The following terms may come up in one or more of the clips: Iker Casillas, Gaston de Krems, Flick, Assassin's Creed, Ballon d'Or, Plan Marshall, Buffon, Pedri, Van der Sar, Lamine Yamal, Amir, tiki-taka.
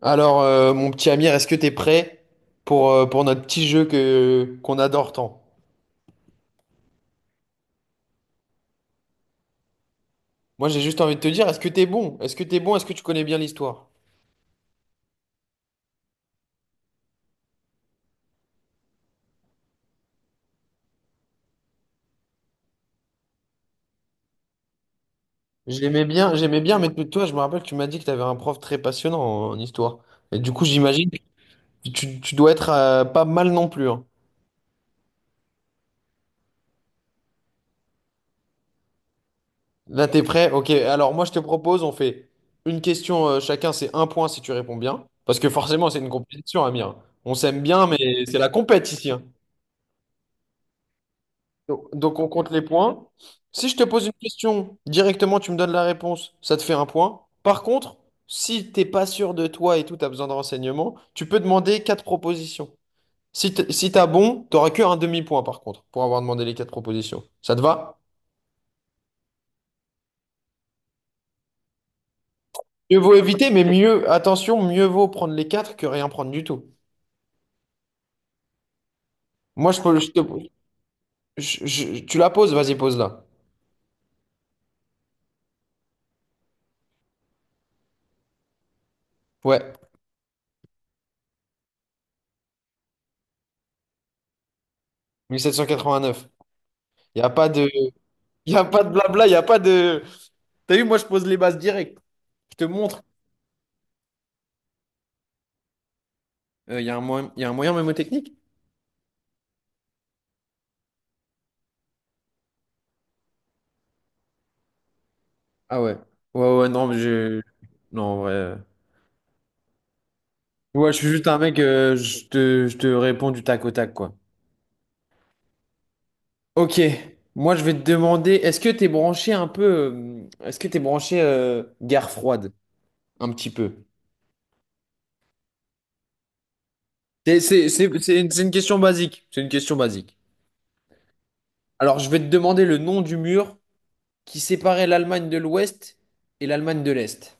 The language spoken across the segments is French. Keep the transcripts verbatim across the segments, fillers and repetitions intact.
Alors, euh, mon petit Amir, est-ce que t'es prêt pour, euh, pour notre petit jeu que, qu'on adore tant? Moi, j'ai juste envie de te dire, est-ce que t'es bon? Est-ce que t'es bon? Est-ce que tu connais bien l'histoire? J'aimais bien, j'aimais bien, mais toi, je me rappelle que tu m'as dit que t'avais un prof très passionnant en histoire. Et du coup, j'imagine que tu, tu dois être euh, pas mal non plus, hein. Là, t'es prêt? Ok, alors moi, je te propose, on fait une question euh, chacun, c'est un point si tu réponds bien. Parce que forcément, c'est une compétition, Amir. On s'aime bien, mais c'est la compète ici, hein. Donc, donc, on compte les points. Si je te pose une question, directement tu me donnes la réponse, ça te fait un point. Par contre, si t'es pas sûr de toi et tout, tu as besoin de renseignements, tu peux demander quatre propositions. Si t- si t'as bon, t'auras que un demi-point par contre, pour avoir demandé les quatre propositions. Ça te va? Mieux vaut éviter, mais mieux, attention, mieux vaut prendre les quatre que rien prendre du tout. Moi, je peux, je te- je- je- tu la poses, vas-y, pose-la. Ouais, Mille sept cent quatre-vingt-neuf. Il n'y a pas de, il y a pas de blabla, il n'y a pas de. T'as vu, moi, je pose les bases directes. Je te montre. euh, Il y a un moyen, y a un moyen mnémotechnique? Ah ouais. Ouais, ouais, non, mais je. Non, en vrai. euh, Ouais, je suis juste un mec, euh, je te, je te réponds du tac au tac, quoi. Ok. Moi, je vais te demander, est-ce que t'es branché un peu. euh, Est-ce que t'es branché euh, guerre froide? Un petit peu. C'est c'est- c'est- c'est une, c'est une question basique. C'est une question basique. Alors, je vais te demander le nom du mur qui séparait l'Allemagne de l'Ouest et l'Allemagne de l'Est.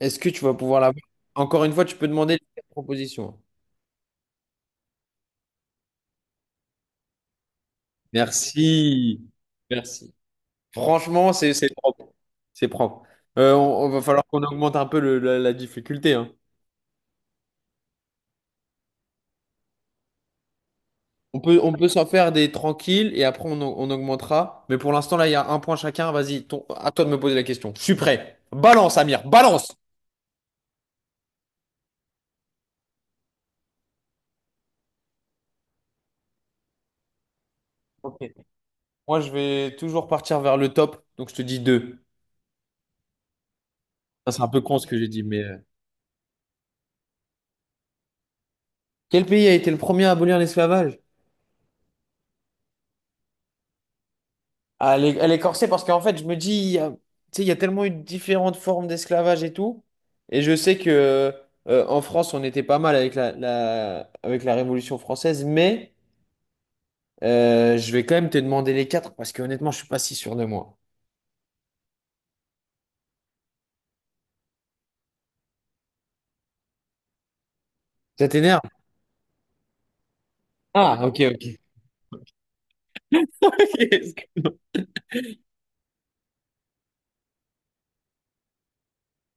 Est-ce que tu vas pouvoir l'avoir? Encore une fois, tu peux demander les propositions. Merci. Merci. Franchement, c'est c'est propre. C'est propre. Euh, on, on va falloir qu'on augmente un peu le- la, la difficulté, hein. On peut, on peut s'en faire des tranquilles et après on, au- on augmentera. Mais pour l'instant, là, il y a un point chacun. Vas-y, ton- à toi de me poser la question. Je suis prêt. Balance, Amir, balance! Ok. Moi, je vais toujours partir vers le top. Donc, je te dis deux. Ça, c'est un peu con ce que j'ai dit, mais... euh, Quel pays a été le premier à abolir l'esclavage? Ah, elle est, elle est corsée parce qu'en fait, je me dis, il y a, tu sais, il y a tellement eu différentes formes d'esclavage et tout. Et je sais que euh, en France, on était pas mal avec la, la- avec la Révolution française, mais euh, je vais quand même te demander les quatre parce que honnêtement, je suis pas si sûr de moi. Ça t'énerve? Ah, ok, ok. Excuse-moi.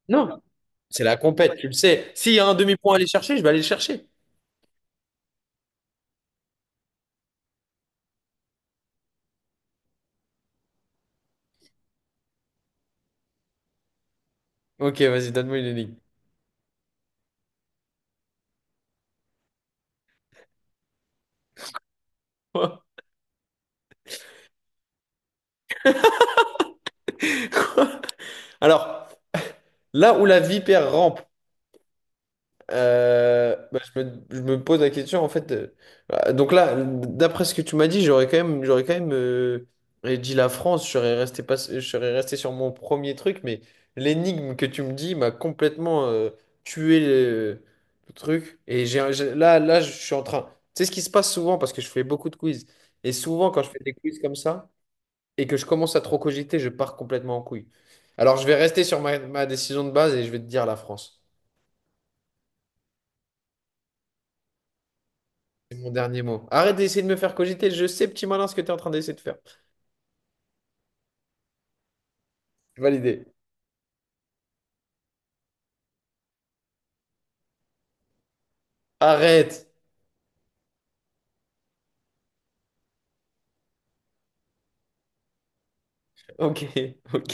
Non. C'est la compète, tu le sais. S'il y a un demi-point à aller chercher, je vais aller le chercher. Ok, vas-y, donne-moi une énigme. Alors, là où la vipère rampe, Euh, bah, je me, je me pose la question en fait. euh, bah, donc là, d'après ce que tu m'as dit, j'aurais quand même, j'aurais quand même euh, dit la France. Je serais resté pas, je serais resté sur mon premier truc, mais l'énigme que tu me dis m'a complètement euh, tué le, le truc. Et j'ai, j'ai- là, là, je suis en train. Tu sais ce qui se passe souvent parce que je fais beaucoup de quiz. Et souvent, quand je fais des quiz comme ça et que je commence à trop cogiter, je pars complètement en couille. Alors, je vais rester sur ma, ma décision de base et je vais te dire la France. C'est mon dernier mot. Arrête d'essayer de me faire cogiter. Je sais, petit malin, ce que tu es en train d'essayer de faire. Validé. Arrête. Ok, ok.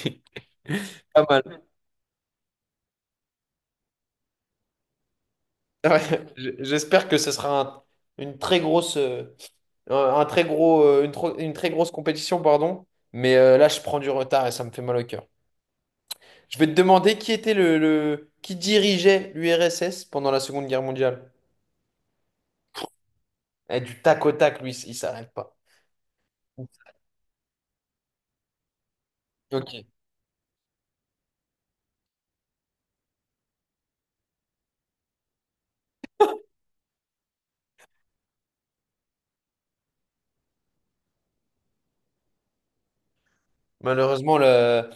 Pas mal. Ouais, j- J'espère que ce sera un- une très grosse, euh, un un très gros, euh, une, tro- une très grosse compétition, pardon. Mais euh, là, je prends du retard et ça me fait mal au cœur. Je vais te demander qui était le, le- qui dirigeait l'U R S S pendant la Seconde Guerre mondiale. Eh, du tac au tac, lui, il s'arrête pas. Ok. Malheureusement, le-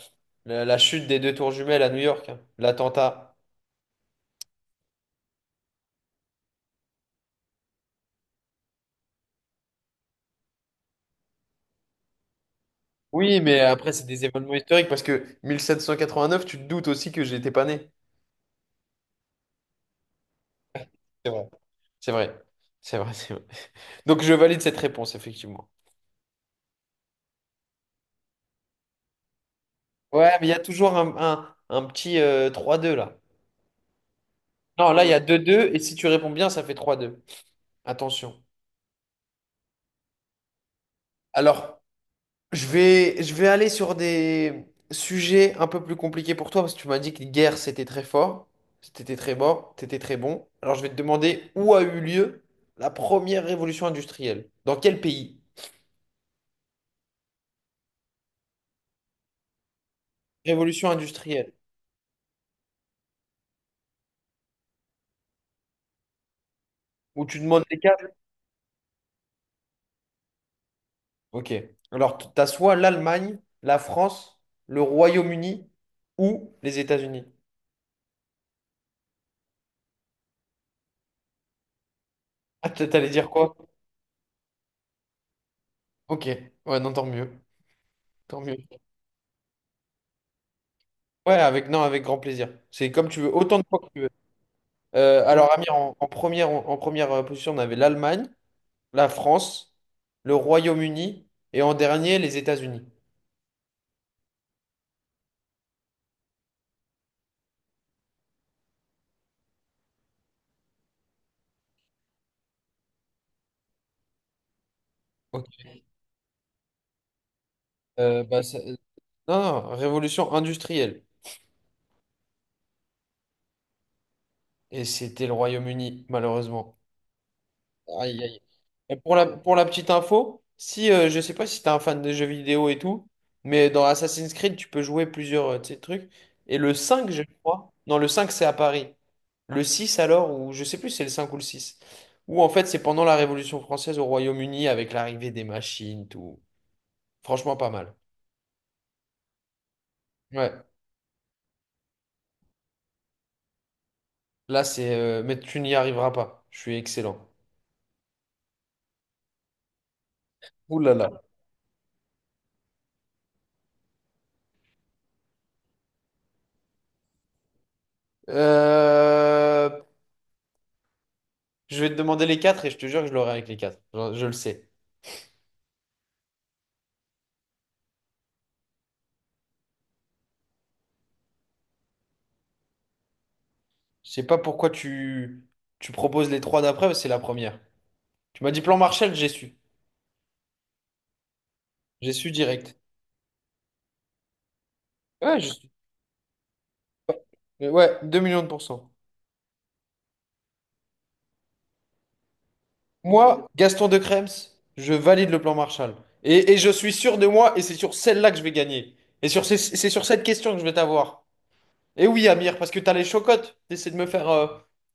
la, la chute des deux tours jumelles à New York, hein, l'attentat. Oui, mais après, c'est des événements historiques parce que mille sept cent quatre-vingt-neuf, tu te doutes aussi que j'étais pas né. C'est vrai. C'est vrai. C'est vrai, c'est vrai. Donc, je valide cette réponse, effectivement. Ouais, mais il y a toujours un, un- un petit euh, trois à deux là. Non, là, il y a deux deux et si tu réponds bien, ça fait trois deux. Attention. Alors, je vais, je vais aller sur des sujets un peu plus compliqués pour toi parce que tu m'as dit que guerre, c'était très fort, c'était très fort, c'était très bon. Alors, je vais te demander où a eu lieu la première révolution industrielle. Dans quel pays? Révolution industrielle, où tu demandes les quatre. Ok. Alors, tu as soit l'Allemagne, la France, le Royaume-Uni ou les États-Unis. Ah, t- t'allais dire quoi? Ok. Ouais, non, tant mieux. Tant mieux. Ouais, avec, non, avec grand plaisir. C'est comme tu veux, autant de fois que tu veux. Euh, alors, Amir, en, en première, en, en première euh, position, on avait l'Allemagne, la France, le Royaume-Uni et en dernier, les États-Unis. Ok. Euh, bah, ça- Non, non, révolution industrielle. Et c'était le Royaume-Uni, malheureusement. Aïe, aïe. Et pour la, pour la petite info, si euh, je sais pas si t'es un fan de jeux vidéo et tout, mais dans Assassin's Creed, tu peux jouer plusieurs euh, de ces trucs. Et le cinq, je crois. Non, le cinq c'est à Paris. Le six alors, ou je sais plus si c'est le cinq ou le six. Ou en fait, c'est pendant la Révolution française au Royaume-Uni avec l'arrivée des machines, tout. Franchement, pas mal. Ouais. Là, c'est. euh, Mais tu n'y arriveras pas. Je suis excellent. Ouh là là. Euh, Je vais te demander les quatre et je te jure que je l'aurai avec les quatre. Je, je le sais. Je sais pas pourquoi tu, tu proposes les trois d'après, mais c'est la première. Tu m'as dit plan Marshall, j'ai su. J'ai su direct. Ouais, j'ai su. Euh, Ouais, deux millions de pourcents. Moi, Gaston de Krems, je valide le plan Marshall. Et, et je suis sûr de moi, et c'est sur celle-là que je vais gagner. Et sur ces- c'est sur cette question que je vais t'avoir. Et oui, Amir, parce que t'as les chocottes. T'essaies de me faire, euh,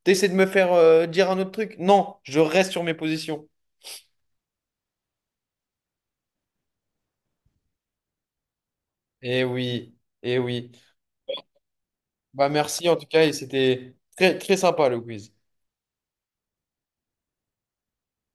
t'essaies de me faire euh, dire un autre truc. Non, je reste sur mes positions. Eh oui, eh oui. Bah merci en tout cas, et c'était très, très sympa le quiz.